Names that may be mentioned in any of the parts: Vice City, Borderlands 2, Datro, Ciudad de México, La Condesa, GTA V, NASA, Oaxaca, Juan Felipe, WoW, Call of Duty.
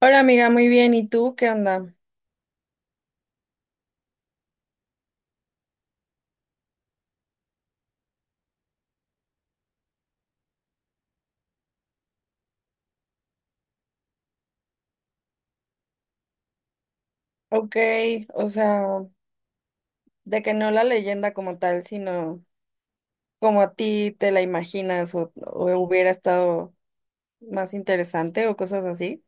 Hola amiga, muy bien. ¿Y tú qué onda? Ok, o sea, de que no la leyenda como tal, sino como a ti te la imaginas o hubiera estado más interesante o cosas así.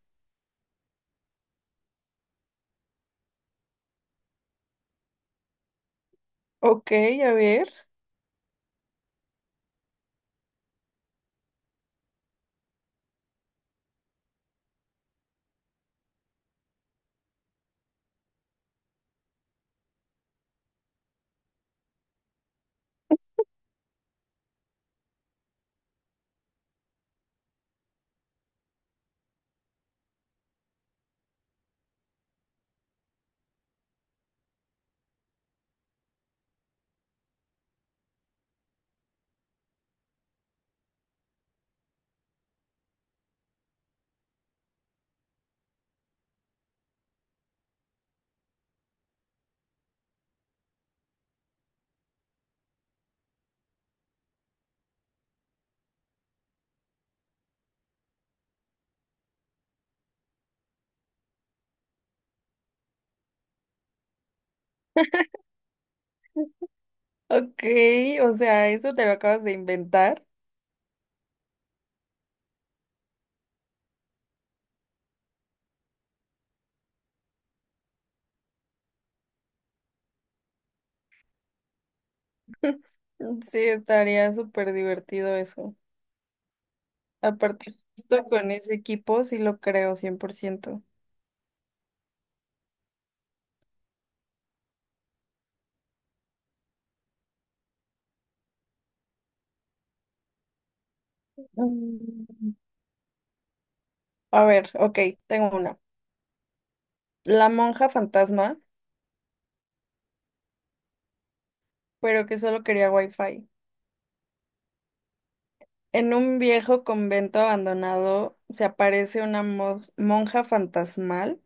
Ok, a ver. Ok, o sea, eso te lo acabas de inventar. Sí, estaría súper divertido eso. Aparte, justo con ese equipo sí lo creo 100%. Mm, A ver, ok, tengo una. La monja fantasma, pero que solo quería wifi. En un viejo convento abandonado se aparece una monja fantasmal,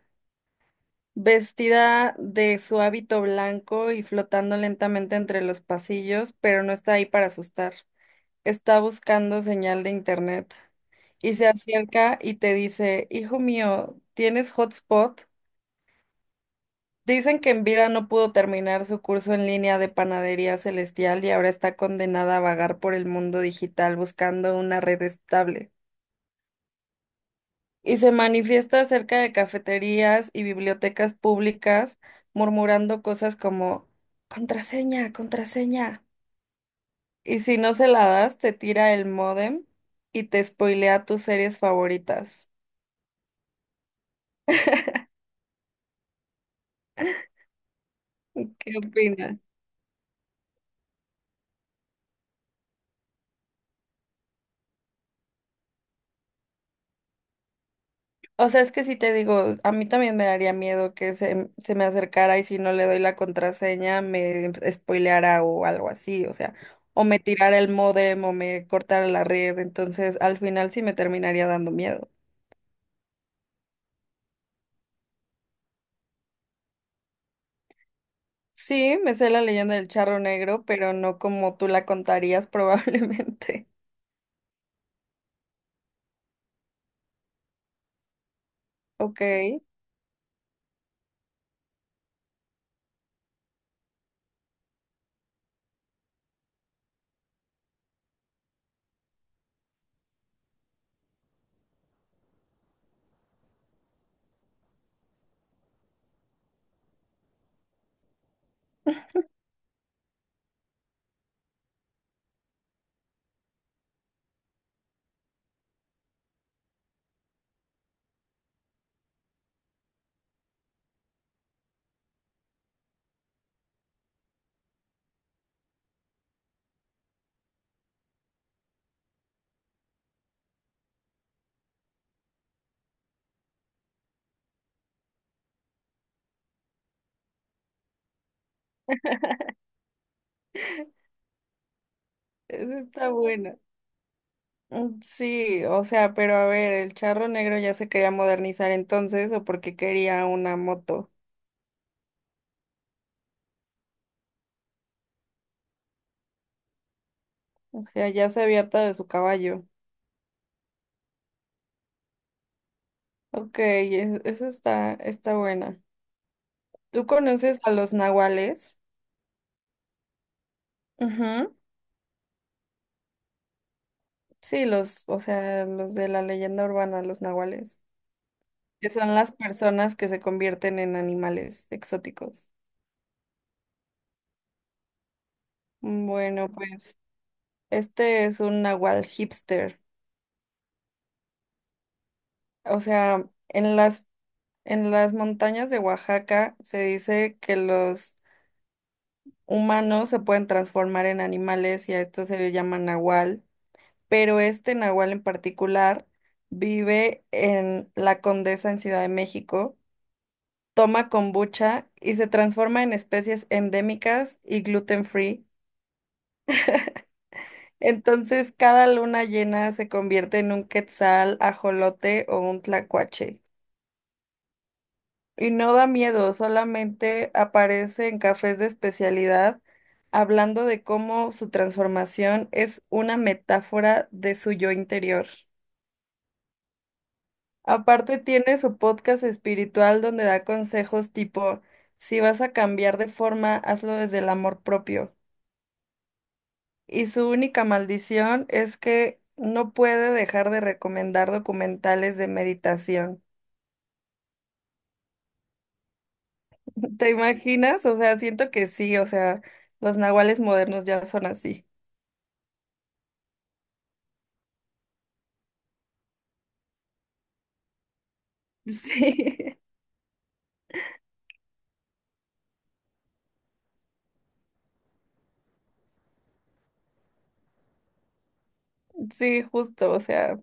vestida de su hábito blanco y flotando lentamente entre los pasillos, pero no está ahí para asustar. Está buscando señal de internet y se acerca y te dice, hijo mío, ¿tienes hotspot? Dicen que en vida no pudo terminar su curso en línea de panadería celestial y ahora está condenada a vagar por el mundo digital buscando una red estable. Y se manifiesta cerca de cafeterías y bibliotecas públicas, murmurando cosas como contraseña, contraseña. Y si no se la das, te tira el módem y te spoilea tus series favoritas. ¿Qué opinas? O sea, es que si te digo, a mí también me daría miedo que se me acercara y si no le doy la contraseña me spoileara o algo así, o sea, o me tirara el módem o me cortara la red, entonces al final sí me terminaría dando miedo. Sí, me sé la leyenda del charro negro, pero no como tú la contarías probablemente. Ok, eso está bueno. Mm, sí, o sea, pero a ver, el charro negro ya se quería modernizar entonces o porque quería una moto. O sea, ya se había hartado de su caballo. Ok, eso está, está buena. ¿Tú conoces a los nahuales? Ujú. Sí, los, o sea, los de la leyenda urbana, los nahuales. Que son las personas que se convierten en animales exóticos. Bueno, pues este es un nahual hipster. O sea, en las, en las montañas de Oaxaca se dice que los humanos se pueden transformar en animales y a esto se le llama nahual, pero este nahual en particular vive en La Condesa en Ciudad de México, toma kombucha y se transforma en especies endémicas y gluten free. Entonces, cada luna llena se convierte en un quetzal, ajolote o un tlacuache. Y no da miedo, solamente aparece en cafés de especialidad, hablando de cómo su transformación es una metáfora de su yo interior. Aparte, tiene su podcast espiritual donde da consejos tipo, si vas a cambiar de forma, hazlo desde el amor propio. Y su única maldición es que no puede dejar de recomendar documentales de meditación. ¿Te imaginas? O sea, siento que sí, o sea, los nahuales modernos ya son así. Sí, sí, justo, o sea,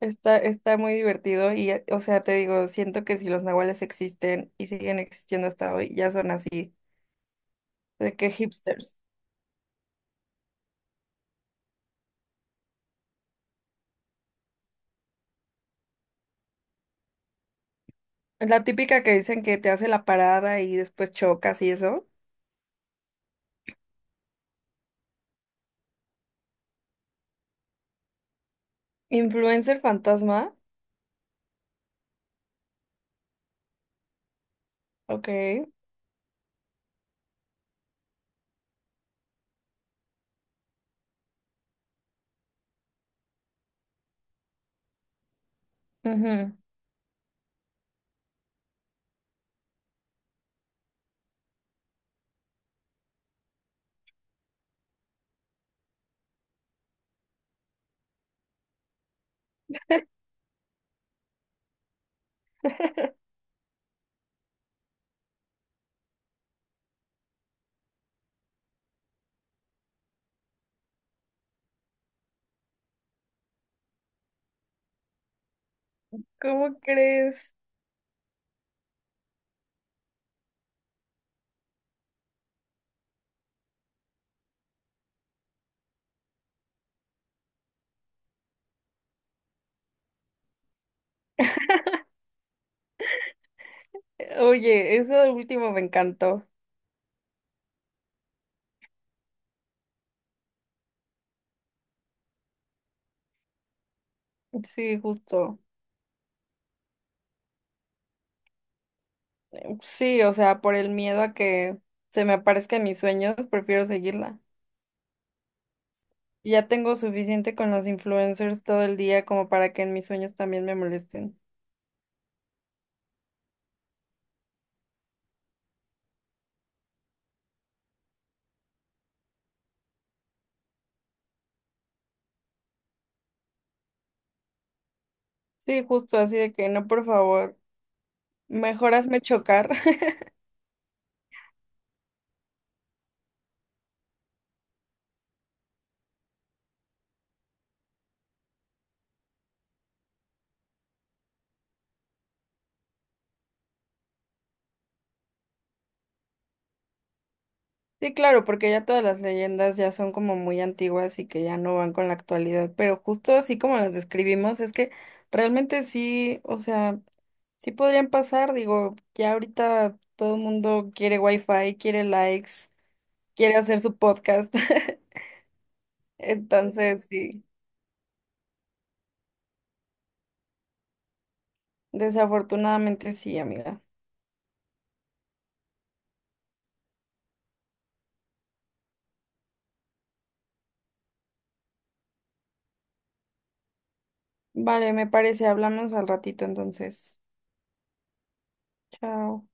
está, está muy divertido y, o sea, te digo, siento que si los nahuales existen y siguen existiendo hasta hoy, ya son así, de que hipsters. La típica que dicen que te hace la parada y después chocas y eso. Influencer fantasma, ok. Ujú. ¿Cómo crees? Oye, eso último me encantó. Sí, justo. Sí, o sea, por el miedo a que se me aparezca en mis sueños, prefiero seguirla. Ya tengo suficiente con los influencers todo el día como para que en mis sueños también me molesten. Sí, justo, así de que no, por favor, mejor hazme chocar. Sí, claro, porque ya todas las leyendas ya son como muy antiguas y que ya no van con la actualidad, pero justo así como las describimos, es que realmente sí, o sea... Sí podrían pasar, digo, ya ahorita todo el mundo quiere wifi, quiere likes, quiere hacer su podcast. Entonces, sí, desafortunadamente sí, amiga. Vale, me parece, hablamos al ratito entonces. Chao.